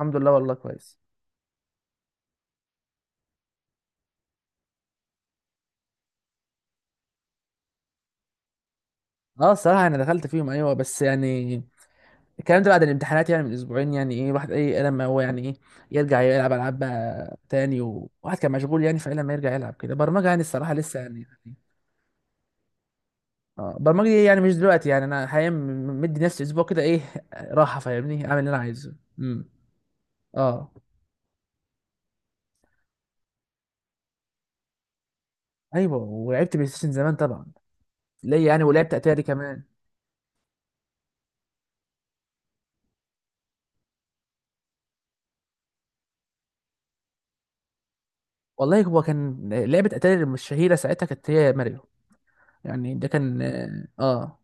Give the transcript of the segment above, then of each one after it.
الحمد لله والله كويس. اه الصراحه انا دخلت فيهم، ايوه، بس يعني الكلام ده بعد الامتحانات، يعني من اسبوعين، يعني ايه، واحد ايه لما هو يعني ايه يرجع يلعب العاب بقى تاني، وواحد كان مشغول يعني، فإيه لما يرجع يلعب كده برمجه، يعني الصراحه لسه يعني. اه برمجه دي يعني مش دلوقتي، يعني انا حاليا مدي نفسي اسبوع كده ايه راحه، فاهمني، اعمل اللي انا عايزه. اه ايوه، ولعبت بلاي ستيشن زمان طبعا. ليه يعني، ولعبت اتاري كمان. والله هو كان لعبه اتاري الشهيره ساعتها كانت هي ماريو، يعني ده كان. اه آه.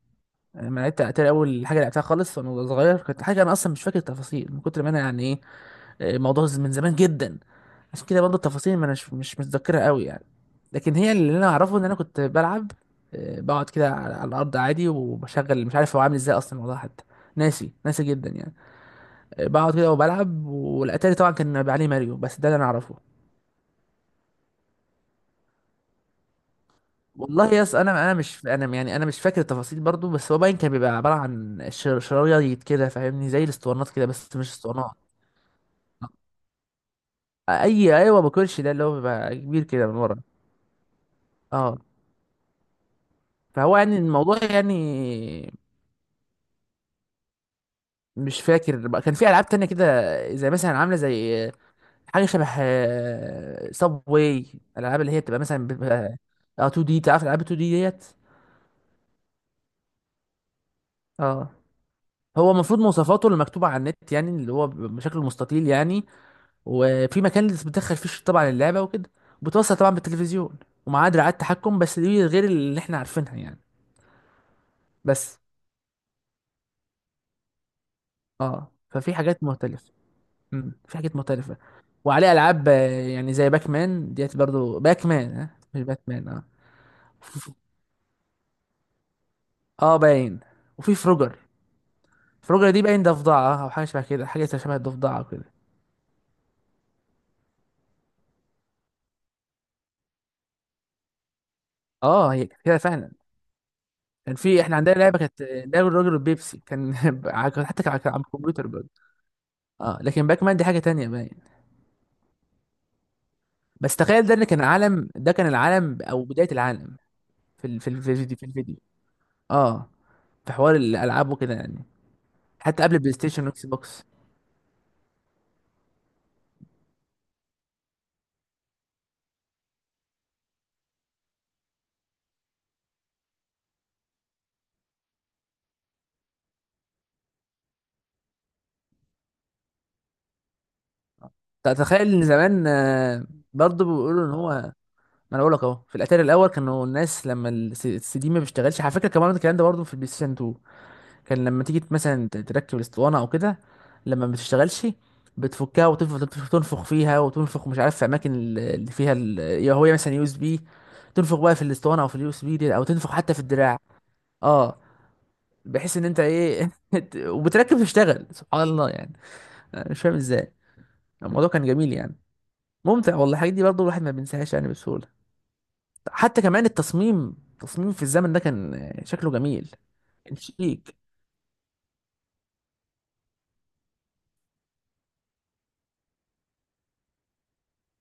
لما لعبت اتاري اول حاجه لعبتها خالص وانا صغير، كانت حاجه انا اصلا مش فاكر التفاصيل، من كتر ما انا يعني ايه. آه، الموضوع من زمان جدا. عشان كده برضه التفاصيل، ما انا مش متذكرها قوي يعني. لكن هي اللي انا اعرفه ان انا كنت بلعب. آه، بقعد كده على الارض عادي، وبشغل، مش عارف هو عامل ازاي اصلا الموضوع حتى. ناسي ناسي جدا يعني. آه، بقعد كده وبلعب، والاتاري طبعا كان بيبقى عليه ماريو، بس ده اللي انا اعرفه. والله يا اسطى، انا مش، انا يعني انا مش فاكر التفاصيل برضو، بس هو باين كان بيبقى عباره عن شرايط كده فاهمني، زي الاسطوانات كده بس مش اسطوانات. اي ايوه، ما باكلش، ده اللي هو بيبقى كبير كده من ورا. اه فهو يعني الموضوع يعني. مش فاكر بقى، كان في العاب تانية كده زي مثلا، عامله زي حاجه شبه سب واي. الالعاب اللي هي بتبقى مثلا بيبقى اه 2 دي، تعرف العاب 2 دي ديت. اه هو المفروض مواصفاته اللي مكتوبه على النت، يعني اللي هو بشكل مستطيل يعني. وفي مكان اللي بتدخل فيه طبعا اللعبه وكده، بتوصل طبعا بالتلفزيون. ومعاه دراعات تحكم، بس دي غير اللي احنا عارفينها يعني. بس اه، ففي حاجات مختلفة. مم. في حاجات مختلفة. وعليه ألعاب، يعني زي باك مان ديت، برضو باك مان، ها مش بات مان اه في- اه باين. وفي فروجر. فروجر دي باين ضفدعة، أو حاجة شبه كده، حاجة شبه الضفدعة كده. اه هي كانت كده فعلا. كان في، احنا عندنا لعبة كانت لعبة الراجل والبيبسي، كان حتى كان على الكمبيوتر برضو. اه لكن باك مان دي حاجة تانية باين. بس تخيل ده، ان كان عالم، ده كان العالم أو بداية العالم. في الفيديو. اه في حوار الألعاب وكده يعني. حتى قبل بلاي ستيشن واكس بوكس. تخيل ان زمان. برضه بيقولوا ان هو ما. انا اقول لك اهو، في الاتاري الاول كانوا الناس لما السي دي ما بيشتغلش، على فكره كمان الكلام ده برضه في البلاي ستيشن 2. كان لما تيجي مثلا تركب الاسطوانه او كده، لما ما بتشتغلش بتفكها، وتفضل تنفخ فيها وتنفخ، مش عارف في اماكن اللي فيها يا، هو مثلا يو اس بي. تنفخ بقى في الاسطوانه، او في اليو اس بي دي، او تنفخ حتى في الدراع. اه، بحيث ان انت ايه، وبتركب تشتغل، سبحان الله يعني. أنا مش فاهم ازاي. الموضوع كان جميل يعني، ممتع والله. الحاجات دي برضه الواحد ما بينساهاش يعني بسهولة. حتى كمان التصميم التصميم في الزمن ده كان شكله جميل. كان شيك.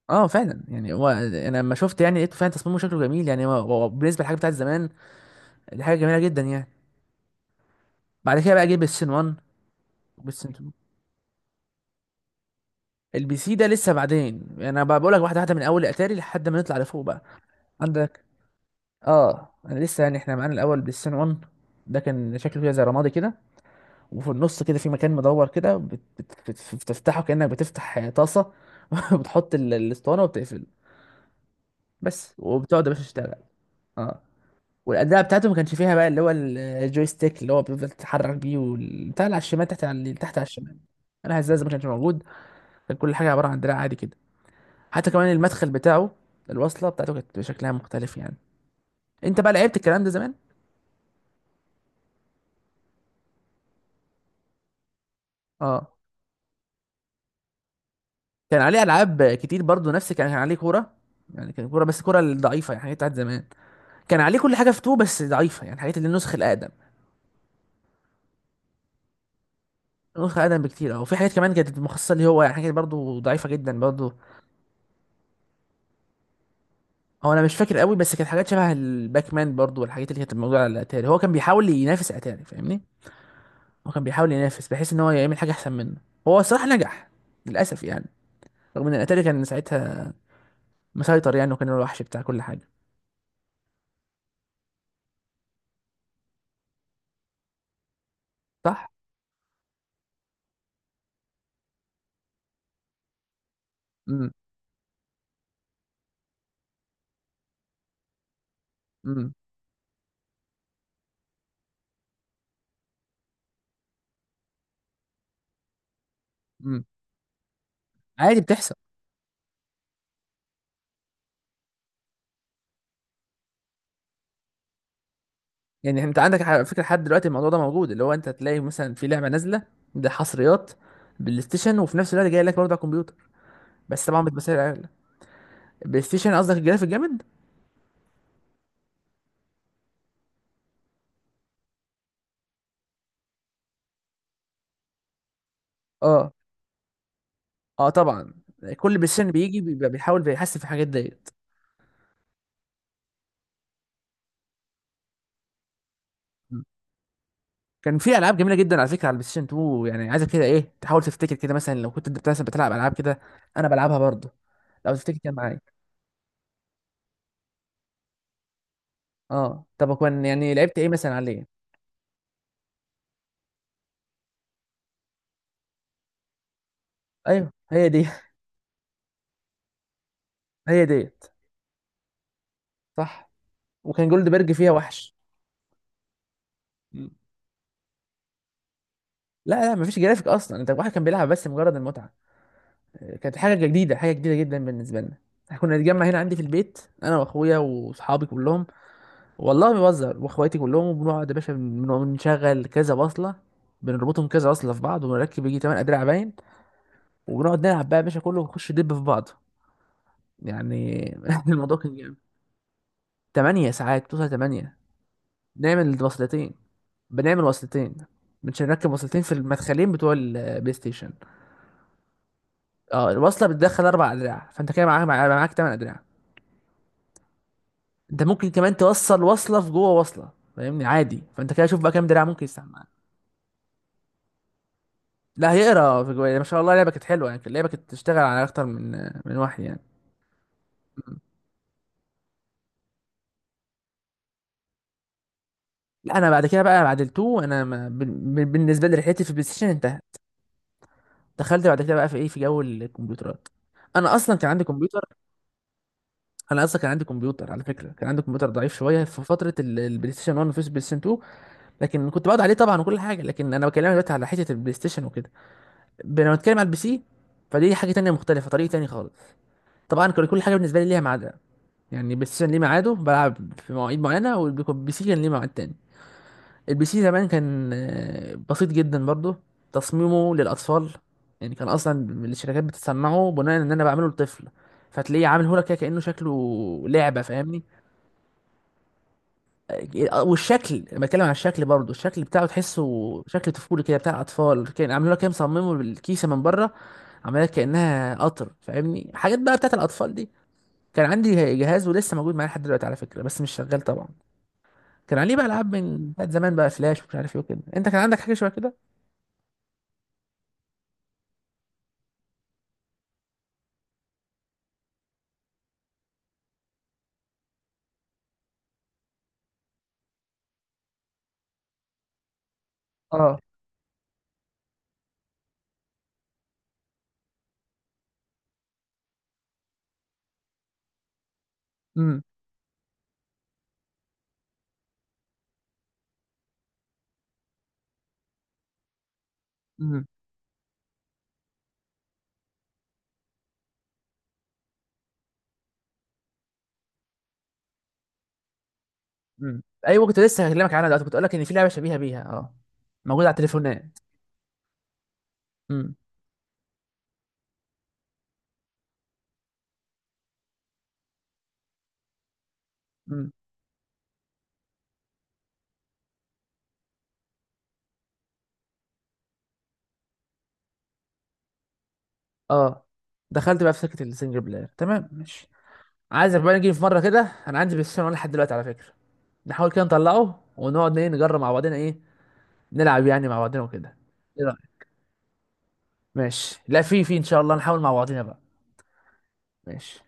اه فعلا يعني، هو انا لما شفت يعني لقيته فعلا تصميمه شكله جميل، يعني هو هو بالنسبة للحاجة بتاعت زمان، دي حاجة جميلة جدا يعني. بعد كده بقى جه بيستن 1 وبيستن 2. البي سي ده لسه بعدين، يعني انا بقى بقول لك واحدة واحدة، من اول اتاري لحد ما نطلع لفوق بقى. عندك. اه انا لسه يعني، احنا معانا الاول بلاي ستيشن 1. ده كان شكله كده زي رمادي كده، وفي النص كده في مكان مدور كده بتفتحه كأنك بتفتح طاسة. بتحط الاسطوانة، وبتقفل بس، وبتقعد يا باشا تشتغل. اه والأداة بتاعته ما كانش فيها بقى، اللي هو الجويستيك، اللي هو بيفضل تتحرك بيه، والبتاع اللي على الشمال تحت، على اللي تحت على الشمال، الهزاز ما كانش موجود. كان كل حاجة عبارة عن دراع عادي كده. حتى كمان المدخل بتاعه، الوصلة بتاعته كانت شكلها مختلف يعني. انت بقى لعبت الكلام ده زمان؟ اه كان عليه ألعاب كتير برضو، نفس، كان عليه كورة، يعني كان كورة بس كورة ضعيفة، يعني حاجات بتاعت زمان. كان عليه كل حاجه في 2 بس ضعيفه، يعني حاجات اللي، النسخ الاقدم، النسخ الاقدم بكتير. او في حاجات كمان كانت مخصصه ليه هو، يعني حاجات برضو ضعيفه جدا برضو. هو انا مش فاكر قوي، بس كانت حاجات شبه الباك مان برضو، والحاجات اللي كانت موجوده على الاتاري، هو كان بيحاول ينافس اتاري فاهمني. هو كان بيحاول ينافس بحيث ان هو يعمل حاجه احسن منه. هو الصراحه نجح للاسف يعني، رغم ان الاتاري كان ساعتها مسيطر يعني، وكان هو الوحش بتاع كل حاجه. صح. امم. امم. امم. عادي بتحصل. يعني انت عندك على فكره لحد دلوقتي الموضوع ده موجود، اللي هو انت تلاقي مثلا في لعبه نازله، ده حصريات بلاي ستيشن، وفي نفس الوقت جاي لك برضه على الكمبيوتر، بس طبعا بتبقى اغلى. بلاي ستيشن قصدك الجرافيك جامد؟ اه، اه طبعا. كل بلاي ستيشن بيجي بيبقى بيحاول بيحسن في الحاجات ديت. م. كان في العاب جميله جدا على فكره على البلاي ستيشن 2، يعني عايزك كده ايه تحاول تفتكر كده، مثلا لو كنت انت مثلا بتلعب العاب كده، انا بلعبها برضه. لو تفتكر كان معايا. اه طب كان يعني لعبت ايه مثلا عليه؟ ايوه هي دي. هي ديت. صح. وكان جولد بيرج فيها وحش. لا لا، مفيش جرافيك اصلا، انت الواحد كان بيلعب بس مجرد المتعه. كانت حاجه جديده، حاجه جديده جدا بالنسبه لنا. احنا كنا نتجمع هنا عندي في البيت، انا واخويا واصحابي كلهم، والله ما بهزر، واخواتي كلهم. وبنقعد يا باشا بنشغل كذا بصله، بنربطهم كذا بصله في بعض، ونركب يجي 8 ادراع باين. وبنقعد نلعب بقى يا باشا كله، ونخش دب في بعض يعني. الموضوع كان جامد. 8 ساعات توصل 8. نعمل وصلتين. بنعمل وصلتين، مش هنركب وصلتين في المدخلين بتوع البلاي ستيشن. اه، الوصله بتدخل 4 ادراع، فانت كده معاك معاك معاك 8 ادراع. انت ممكن كمان توصل وصله في جوه وصله، فاهمني عادي، فانت كده شوف بقى كام دراع ممكن يستعمل معاك. لا هيقرا في جوه ما شاء الله، اللعبه كانت حلوه يعني، اللعبه كانت تشتغل على اكتر من واحد يعني. م. لا انا بعد كده بقى، بعد التو، انا ما بالنسبه لي رحلتي في البلاي ستيشن انتهت. دخلت بعد كده بقى في ايه، في جو الكمبيوترات. انا اصلا كان عندي كمبيوتر، انا اصلا كان عندي كمبيوتر على فكره، كان عندي كمبيوتر ضعيف شويه في فتره البلاي ستيشن 1 وفي البلاي ستيشن 2. لكن كنت بقعد عليه طبعا وكل حاجه، لكن انا بكلمك دلوقتي على حته البلاي ستيشن وكده. لما بتكلم على البي سي، فدي حاجه تانية مختلفه، طريق تاني خالص. طبعا كان كل حاجه بالنسبه لي ليها ميعادها، يعني البلاي ستيشن ليه ميعاده، بلعب في مواعيد معينه، والبي سي كان ليه ميعاد تاني. البي سي زمان كان بسيط جدا برضه، تصميمه للاطفال. يعني كان اصلا الشركات بتصنعه بناء ان انا بعمله لطفل، فتلاقيه عامل هولك كده كانه شكله لعبه، فاهمني. والشكل، لما اتكلم عن الشكل برضو الشكل بتاعه تحسه شكل طفولي كده، بتاع اطفال، كان عاملين لها كده مصممه بالكيسه من بره، عاملها كانها قطر، فاهمني، حاجات بقى بتاعت الاطفال دي. كان عندي جهاز ولسه موجود معايا لحد دلوقتي على فكره، بس مش شغال طبعا. كان عليه بقى العاب من بتاعت زمان بقى، فلاش ومش عارف ايه وكده، انت كان عندك حاجه شبه كده؟ اه. امم. امم. امم. ايوه كنت لسه هكلمك عنها دلوقتي، كنت اقول لك ان في لعبه شبيهه بيها اه موجوده على التليفونات. امم. امم. اه دخلت بقى في سكه السنجل بلاير، تمام ماشي. عايزك بقى نيجي في مره كده، انا عندي بلاي ستيشن ولا لحد دلوقتي على فكره. نحاول كده نطلعه، ونقعد ايه، نجرب مع بعضنا، ايه نلعب يعني مع بعضنا وكده. ايه رايك؟ ماشي لا، في ان شاء الله نحاول مع بعضنا بقى. ماشي.